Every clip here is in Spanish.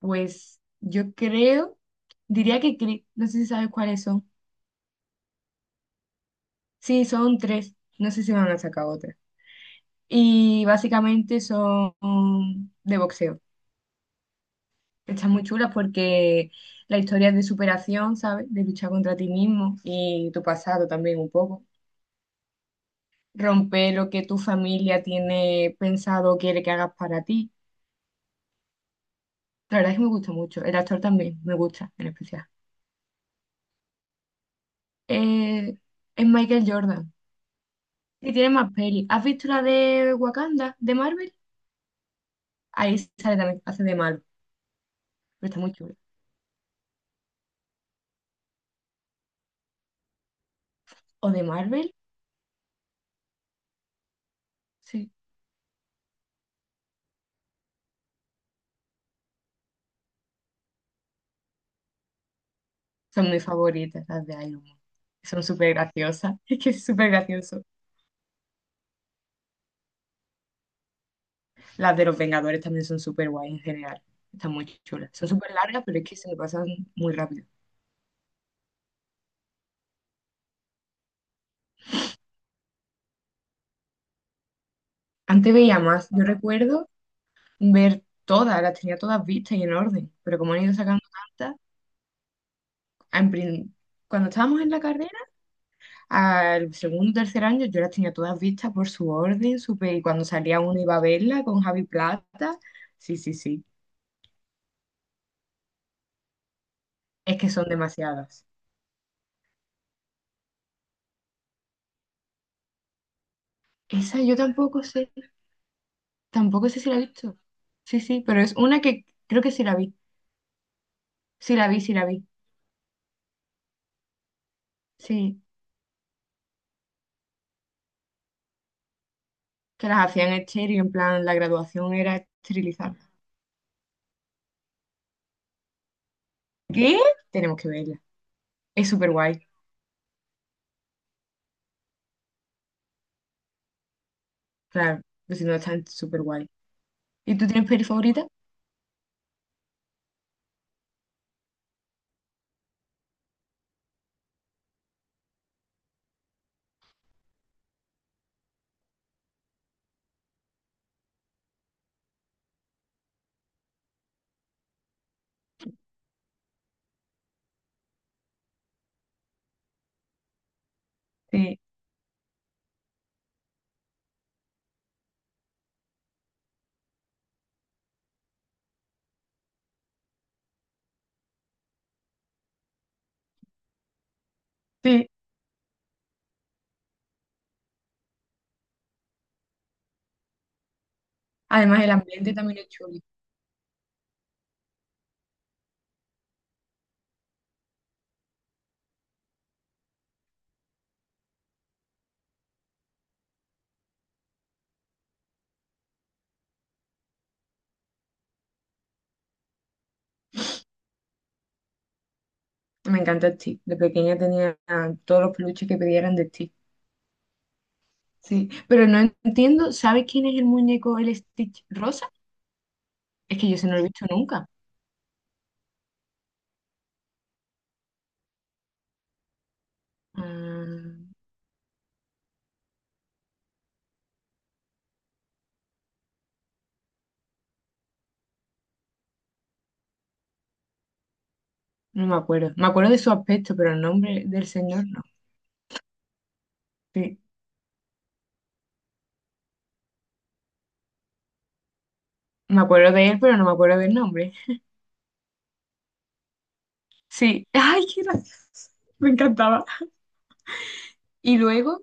Pues yo creo, diría que no sé si sabes cuáles son. Sí, son tres. No sé si van a sacar otra. Y básicamente son de boxeo. Están muy chulas porque la historia es de superación, ¿sabes? De luchar contra ti mismo y tu pasado también un poco. Romper lo que tu familia tiene pensado o quiere que hagas para ti. La verdad es que me gusta mucho. El actor también me gusta, en especial. Eh, es Michael Jordan. Y tiene más peli. ¿Has visto la de Wakanda, de Marvel? Ahí sale también, hace de Marvel, pero está muy chula. ¿O de Marvel? Sí. Son mis favoritas, las de Iron Man. Son súper graciosas. Es que es súper gracioso. Las de los Vengadores también son súper guay en general. Están muy chulas. Son súper largas, pero es que se me pasan muy rápido. Antes veía más. Yo recuerdo ver todas, las tenía todas vistas y en orden. Pero como han ido sacando tantas, en prin- cuando estábamos en la carrera, al segundo, tercer año yo las tenía todas vistas por su orden, súper, y cuando salía una iba a verla con Javi Plata. Sí, sí, sí. Es que son demasiadas. Esa yo tampoco sé, tampoco sé si la he visto. Sí, sí, pero es una que creo que sí la vi. Sí la vi, sí la vi. Sí, que las hacían estéril, en plan, la graduación era esterilizar. ¿Qué? Tenemos que verla. Es súper guay, claro, pues si no está súper guay. ¿Y tú tienes peli favorita? Sí, sí. Además, el ambiente también es chulo. Me encanta el Stitch. De pequeña tenía todos los peluches que pedían de Stitch. Sí, pero no entiendo, ¿sabes quién es el muñeco, el Stitch rosa? Es que yo se no lo he visto nunca. Ah, no me acuerdo. Me acuerdo de su aspecto, pero el nombre del señor no. Sí, me acuerdo de él, pero no me acuerdo del nombre. Sí, ay, qué gracioso. Me encantaba. Y luego,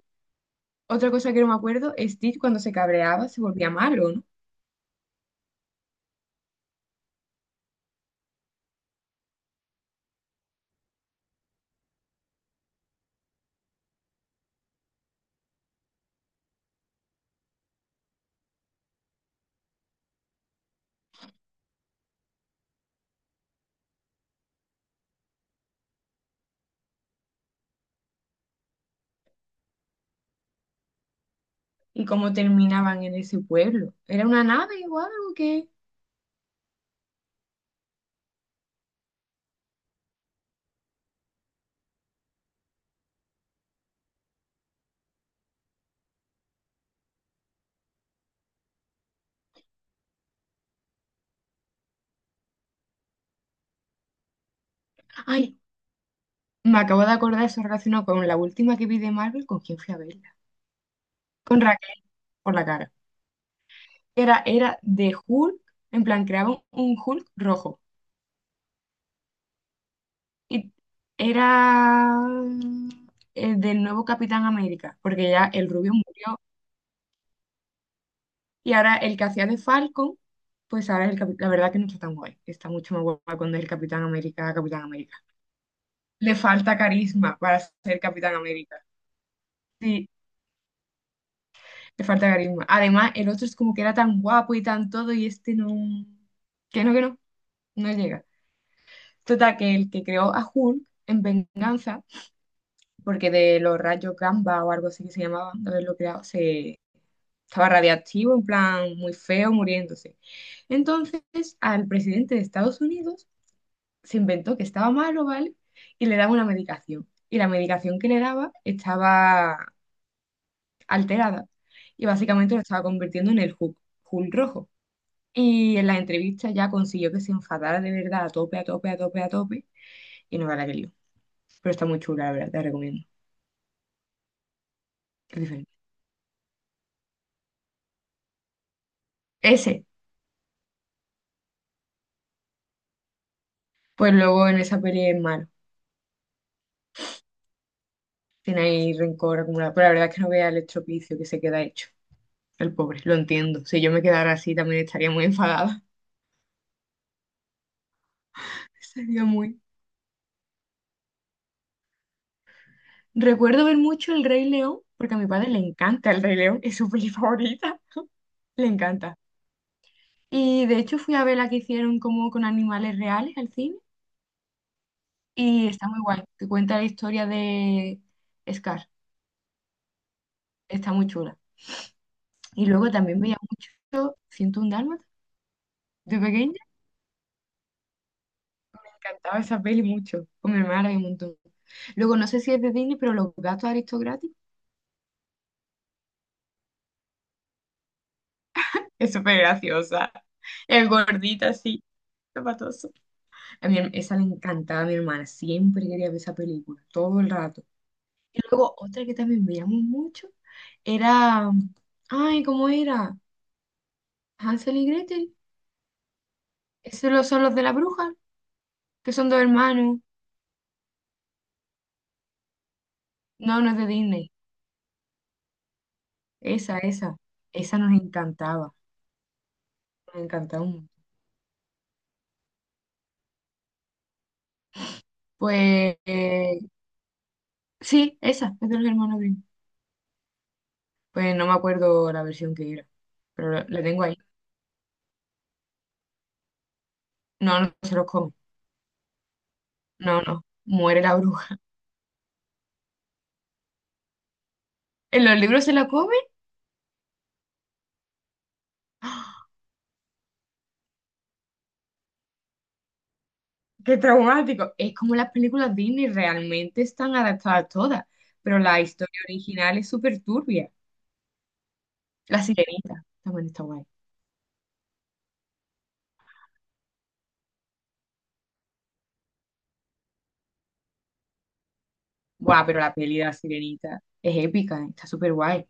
otra cosa que no me acuerdo, Stitch cuando se cabreaba se volvía malo, ¿no? Y cómo terminaban en ese pueblo. Era una nave o algo que... Ay, me acabo de acordar, eso relacionado con la última que vi de Marvel, ¿con quién fui a verla? Con Raquel por la cara. Era de Hulk, en plan, creaban un Hulk rojo. Y era el del nuevo Capitán América, porque ya el rubio murió. Y ahora el que hacía de Falcon, pues ahora es el Capitán. La verdad que no está tan guay. Está mucho más guay cuando es el Capitán América, Capitán América. Le falta carisma para ser Capitán América. Sí, le falta carisma. Además, el otro es como que era tan guapo y tan todo, y este no. Que no, que no, no llega. Total, que el que creó a Hulk en venganza, porque de los rayos gamma o algo así que se llamaba, de haberlo creado, se estaba radiactivo, en plan muy feo, muriéndose. Entonces, al presidente de Estados Unidos se inventó que estaba malo, ¿vale? Y le daba una medicación. Y la medicación que le daba estaba alterada. Y básicamente lo estaba convirtiendo en el Hulk, Hulk rojo. Y en la entrevista ya consiguió que se enfadara de verdad a tope, a tope, a tope, a tope. Y no gana que lío. Pero está muy chula, la verdad, te la recomiendo. Es diferente. Ese, pues luego en esa peli es malo. Tiene ahí rencor acumulado. Pero la verdad es que no vea el estropicio que se queda hecho. El pobre, lo entiendo. Si yo me quedara así también estaría muy enfadada. Estaría muy... Recuerdo ver mucho El Rey León, porque a mi padre le encanta El Rey León. Es su peli favorita. Le encanta. Y de hecho fui a ver la que hicieron como con animales reales al cine. Y está muy guay, te cuenta la historia de Scar, está muy chula. Y luego también veía mucho 101 Dálmatas de pequeña, me encantaba esa peli mucho, con mi hermana la vi un montón. Luego no sé si es de Disney, pero Los Gatos Aristocráticos es súper graciosa, es gordita así, zapatoso. Esa le encantaba a mi hermana, siempre quería ver esa película, todo el rato. Y luego otra que también veíamos mucho era, ay, ¿cómo era? Hansel y Gretel, son los de la bruja, que son dos hermanos. No, no es de Disney. Esa, esa. Esa nos encantaba. Nos encantaba un montón. Pues eh, sí, esa, es de los hermanos Grimm. Pues no me acuerdo la versión que era, pero la tengo ahí. No, no se los come. No, no. Muere la bruja. ¿En los libros se la come? ¡Ah! ¡Qué traumático! Es como las películas Disney realmente están adaptadas todas, pero la historia original es súper turbia. La Sirenita también está guay. Guau, pero la peli de la Sirenita es épica, ¿eh? Está súper guay.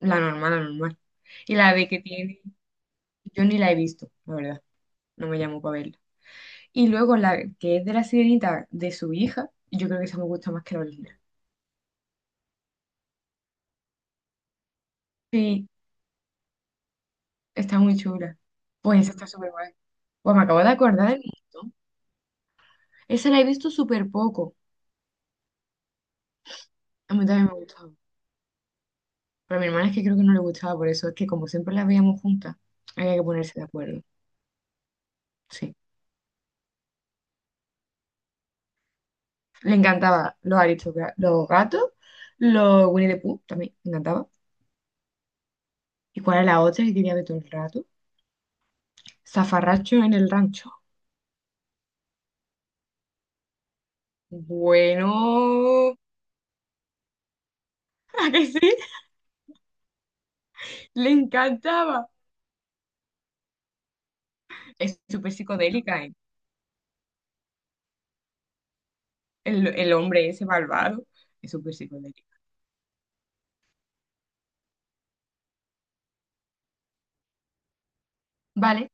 La normal, la normal. Y la B que tiene, yo ni la he visto, la verdad. No me llamó para verla. Y luego la que es de la sirenita de su hija, yo creo que esa me gusta más que la original. Sí, está muy chula. Pues esa está súper guay. Pues me acabo de acordar de mi montón. Esa la he visto súper poco. A mí también me ha gustado. Pero a mi hermana es que creo que no le gustaba, por eso es que como siempre la veíamos juntas, había que ponerse de acuerdo. Sí. Le encantaba los aristocratas, los gatos, los Winnie the Pooh también, le encantaba. ¿Y cuál era la otra que quería ver todo el rato? Zafarracho en el rancho. Bueno, ¿a que sí? Le encantaba. Es súper psicodélica, ¿eh? El hombre ese malvado es súper psicodélico. Vale,